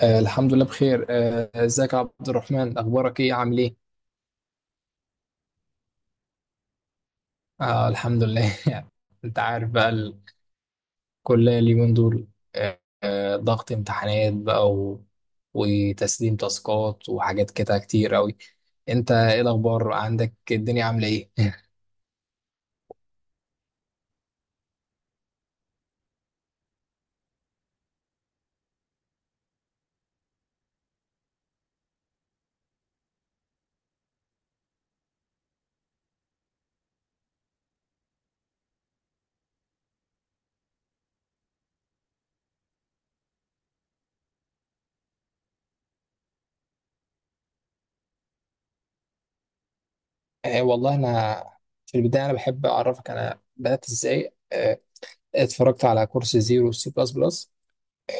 الحمد لله بخير، ازيك يا عبد الرحمن؟ اخبارك ايه؟ عامل ايه؟ آه الحمد لله. انت عارف بقى، الكلية اليومين دول، ضغط امتحانات بقى وتسليم تاسكات وحاجات كده كتير قوي. انت ايه الاخبار عندك؟ الدنيا عاملة ايه؟ والله انا، في البداية انا بحب اعرفك انا بدأت ازاي. اتفرجت على كورس زيرو سي بلس بلس،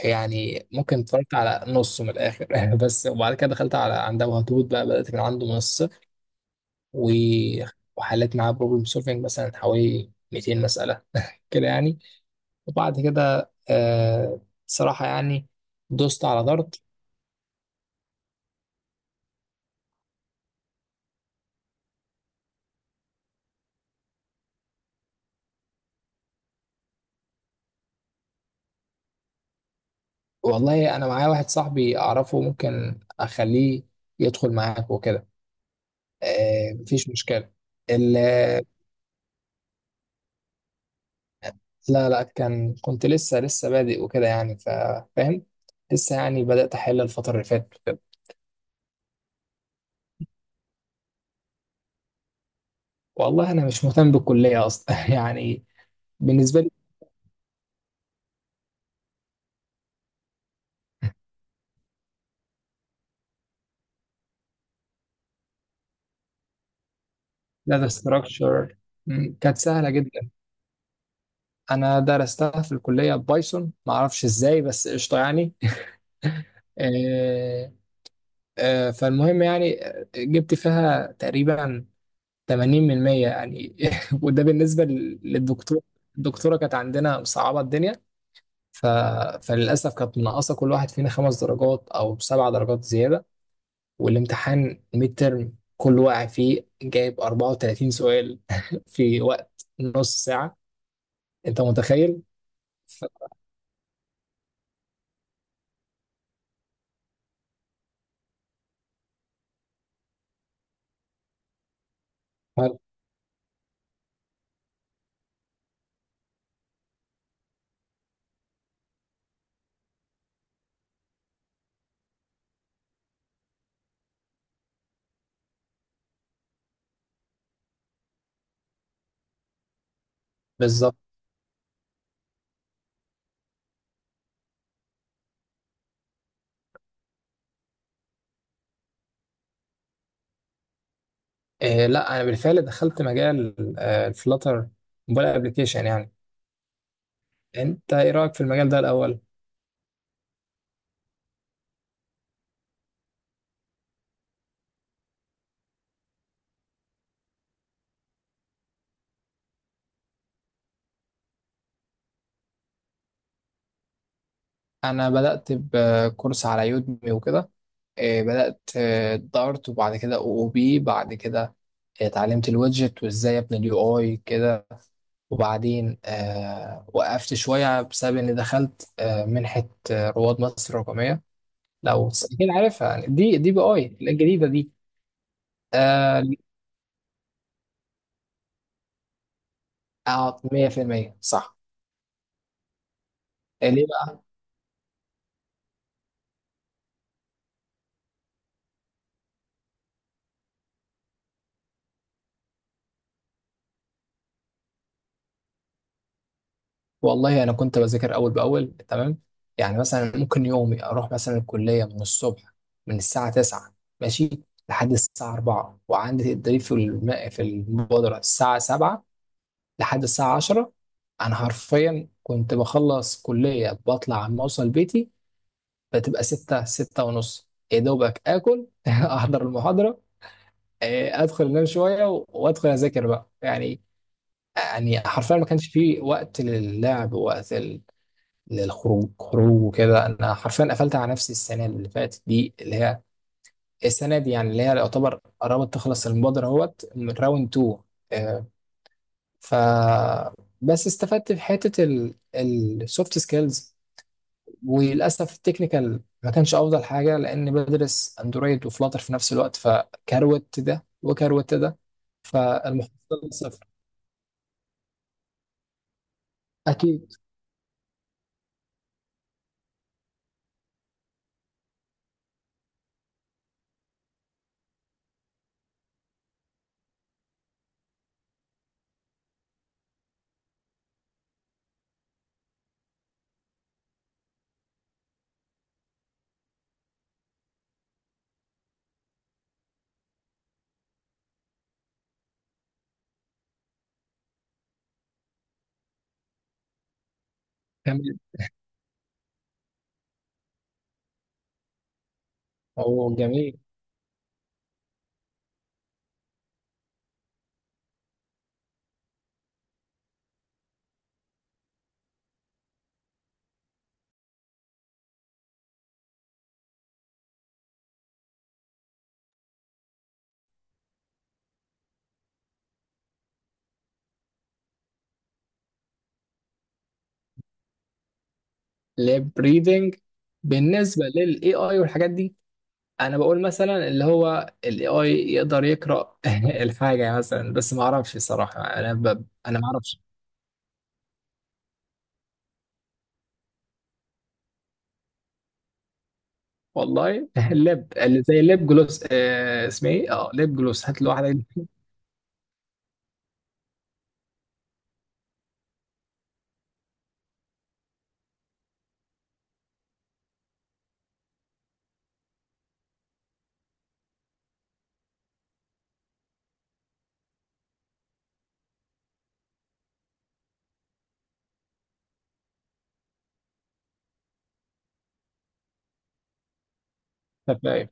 يعني ممكن اتفرجت على نصه من الاخر بس. وبعد كده دخلت على عند ابو هدود بقى، بدات من عنده من الصفر و... وحليت معاه بروبلم سولفنج مثلا حوالي 200 مساله كده يعني. وبعد كده صراحه يعني دوست على دارت. والله انا معايا واحد صاحبي اعرفه، ممكن اخليه يدخل معاك وكده. آه، مفيش مشكله. ال... لا لا، كنت لسه بادئ وكده يعني فاهم. لسه يعني بدات احل الفتره اللي فاتت. والله انا مش مهتم بالكليه اصلا يعني، بالنسبه لي. داتا ستراكشر كانت سهله جدا. انا درستها في الكليه بايثون، ما اعرفش ازاي بس قشطه يعني. آه، فالمهم يعني، جبت فيها تقريبا 80% يعني وده بالنسبه للدكتور. الدكتوره كانت عندنا مصعبه الدنيا، ف... فللاسف كانت منقصه كل واحد فينا خمس درجات او سبع درجات زياده. والامتحان ميد ترم كل واقع فيه جايب 34 سؤال في وقت نص ساعة. انت متخيل؟ ف- بالظبط. آه، لا انا بالفعل دخلت مجال الفلاتر، موبايل ابلكيشن يعني. انت ايه رأيك في المجال ده الاول؟ انا بدأت بكورس على يودمي وكده، آه، بدأت آه، دارت وبعد كده او او بي بعد كده، آه، اتعلمت الويدجت وازاي ابني اليو اي كده. وبعدين آه، وقفت شوية بسبب اني دخلت آه، منحة آه، رواد مصر الرقمية. لو اكيد عارفها يعني، دي بي اي الجديدة دي. آه، 100% صح. آه، ليه بقى؟ والله انا كنت بذاكر اول باول تمام. يعني مثلا ممكن يومي اروح مثلا الكليه من الصبح، من الساعه 9 ماشي لحد الساعه 4، وعندي تدريب في في المبادره الساعه 7 لحد الساعه 10. انا حرفيا كنت بخلص كليه بطلع عم اوصل بيتي بتبقى 6، 6 ونص يا دوبك اكل احضر المحاضره، آه، ادخل انام شويه وادخل اذاكر بقى يعني. يعني حرفيا ما كانش فيه وقت للعب، وقت للخروج خروج وكده. انا حرفيا قفلت على نفسي السنه اللي فاتت دي، اللي هي السنه دي يعني، اللي هي يعتبر قربت تخلص المبادره اهوت من راوند 2. آه، ف بس استفدت في حته السوفت سكيلز. وللاسف التكنيكال ما كانش افضل حاجه، لان بدرس اندرويد وفلاتر في نفس الوقت، فكروت ده وكروت ده، فالمحصله صفر. اكيد. تمام، هو جميل. لاب ريدنج؟ بالنسبه للاي اي والحاجات دي، انا بقول مثلا اللي هو الاي اي يقدر يقرا الحاجه يعني مثلا، بس ما اعرفش الصراحه، انا ما اعرفش. والله اللب اللي زي اللب جلوس، آه اسمه ايه، اه لب جلوس، هات له واحده. خفايف.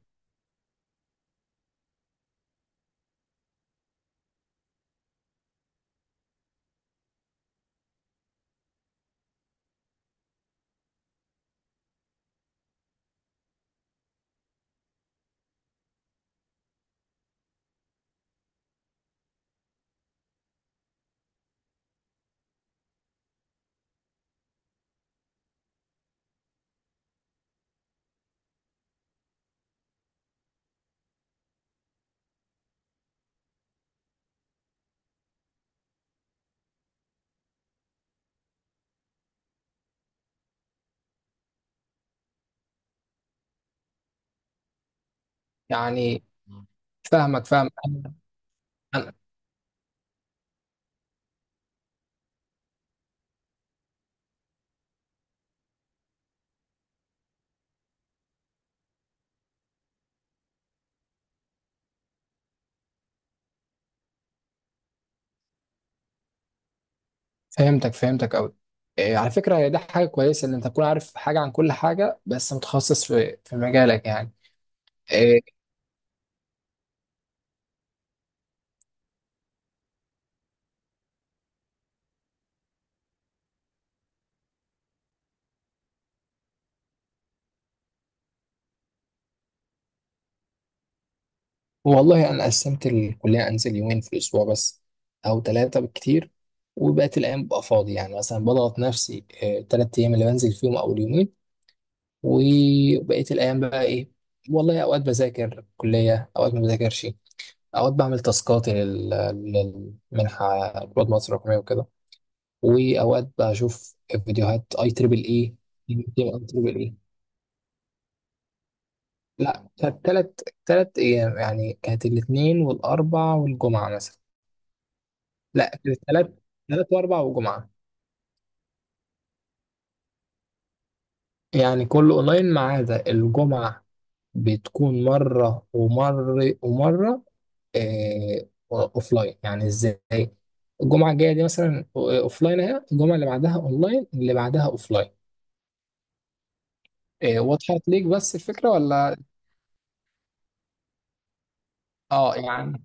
يعني فاهمك، فاهم انا. أنا فهمتك، فهمتك قوي. على فكره هي ده حاجه كويسه ان انت تكون عارف حاجه عن كل حاجه، بس متخصص في مجالك يعني. آه، والله أنا قسمت الكلية أنزل يومين في الأسبوع بس، أو ثلاثة بالكتير. وبقت الأيام ببقى فاضي يعني، مثلا بضغط نفسي ثلاث أيام اللي بنزل فيهم أو اليومين. وبقيت الأيام بقى إيه؟ والله أوقات بذاكر كلية، أوقات ما بذاكرش، أوقات بعمل تاسكاتي للمنحة، رواد مصر الرقمية وكده. وأوقات بشوف فيديوهات أي تريبل إي. أي تريبل إي. لا. ثلاث ثلاث أيام يعني، كانت الاثنين والأربع والجمعة مثلا. لا، كانت ثلاث، واربع وجمعه. يعني كله اونلاين ما عدا الجمعه، بتكون مره ومره ومره آه، اوفلاين يعني. ازاي؟ الجمعه الجايه دي مثلا اوفلاين، اهي الجمعه اللي بعدها اونلاين اللي بعدها اوفلاين. آه، وضحت ليك بس الفكره ولا؟ اه يعني.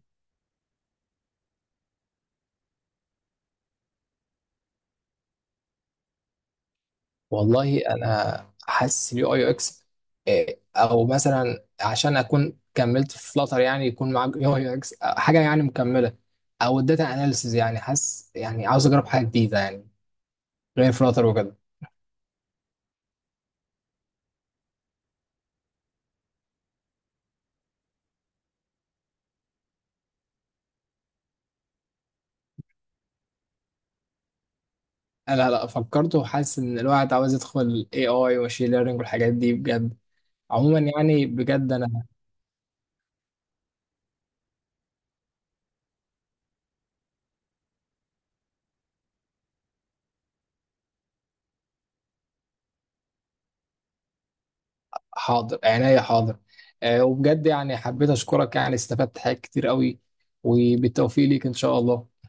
والله انا حاسس اليو اي يو اكس، آه، او مثلا عشان اكون كملت في فلاتر يعني، يكون معاك يو اي يو اكس، آه، حاجه يعني مكمله. او الداتا اناليسز، يعني حاسس يعني عاوز اجرب حاجه جديده يعني، غير فلاتر وكده. لا لا، فكرت وحاسس ان الواحد عاوز يدخل اي اي وماشين ليرنينج والحاجات دي بجد. عموما يعني، بجد انا. حاضر عينيا، حاضر. آه، وبجد يعني حبيت اشكرك، يعني استفدت حاجات كتير قوي. وبالتوفيق ليك ان شاء الله.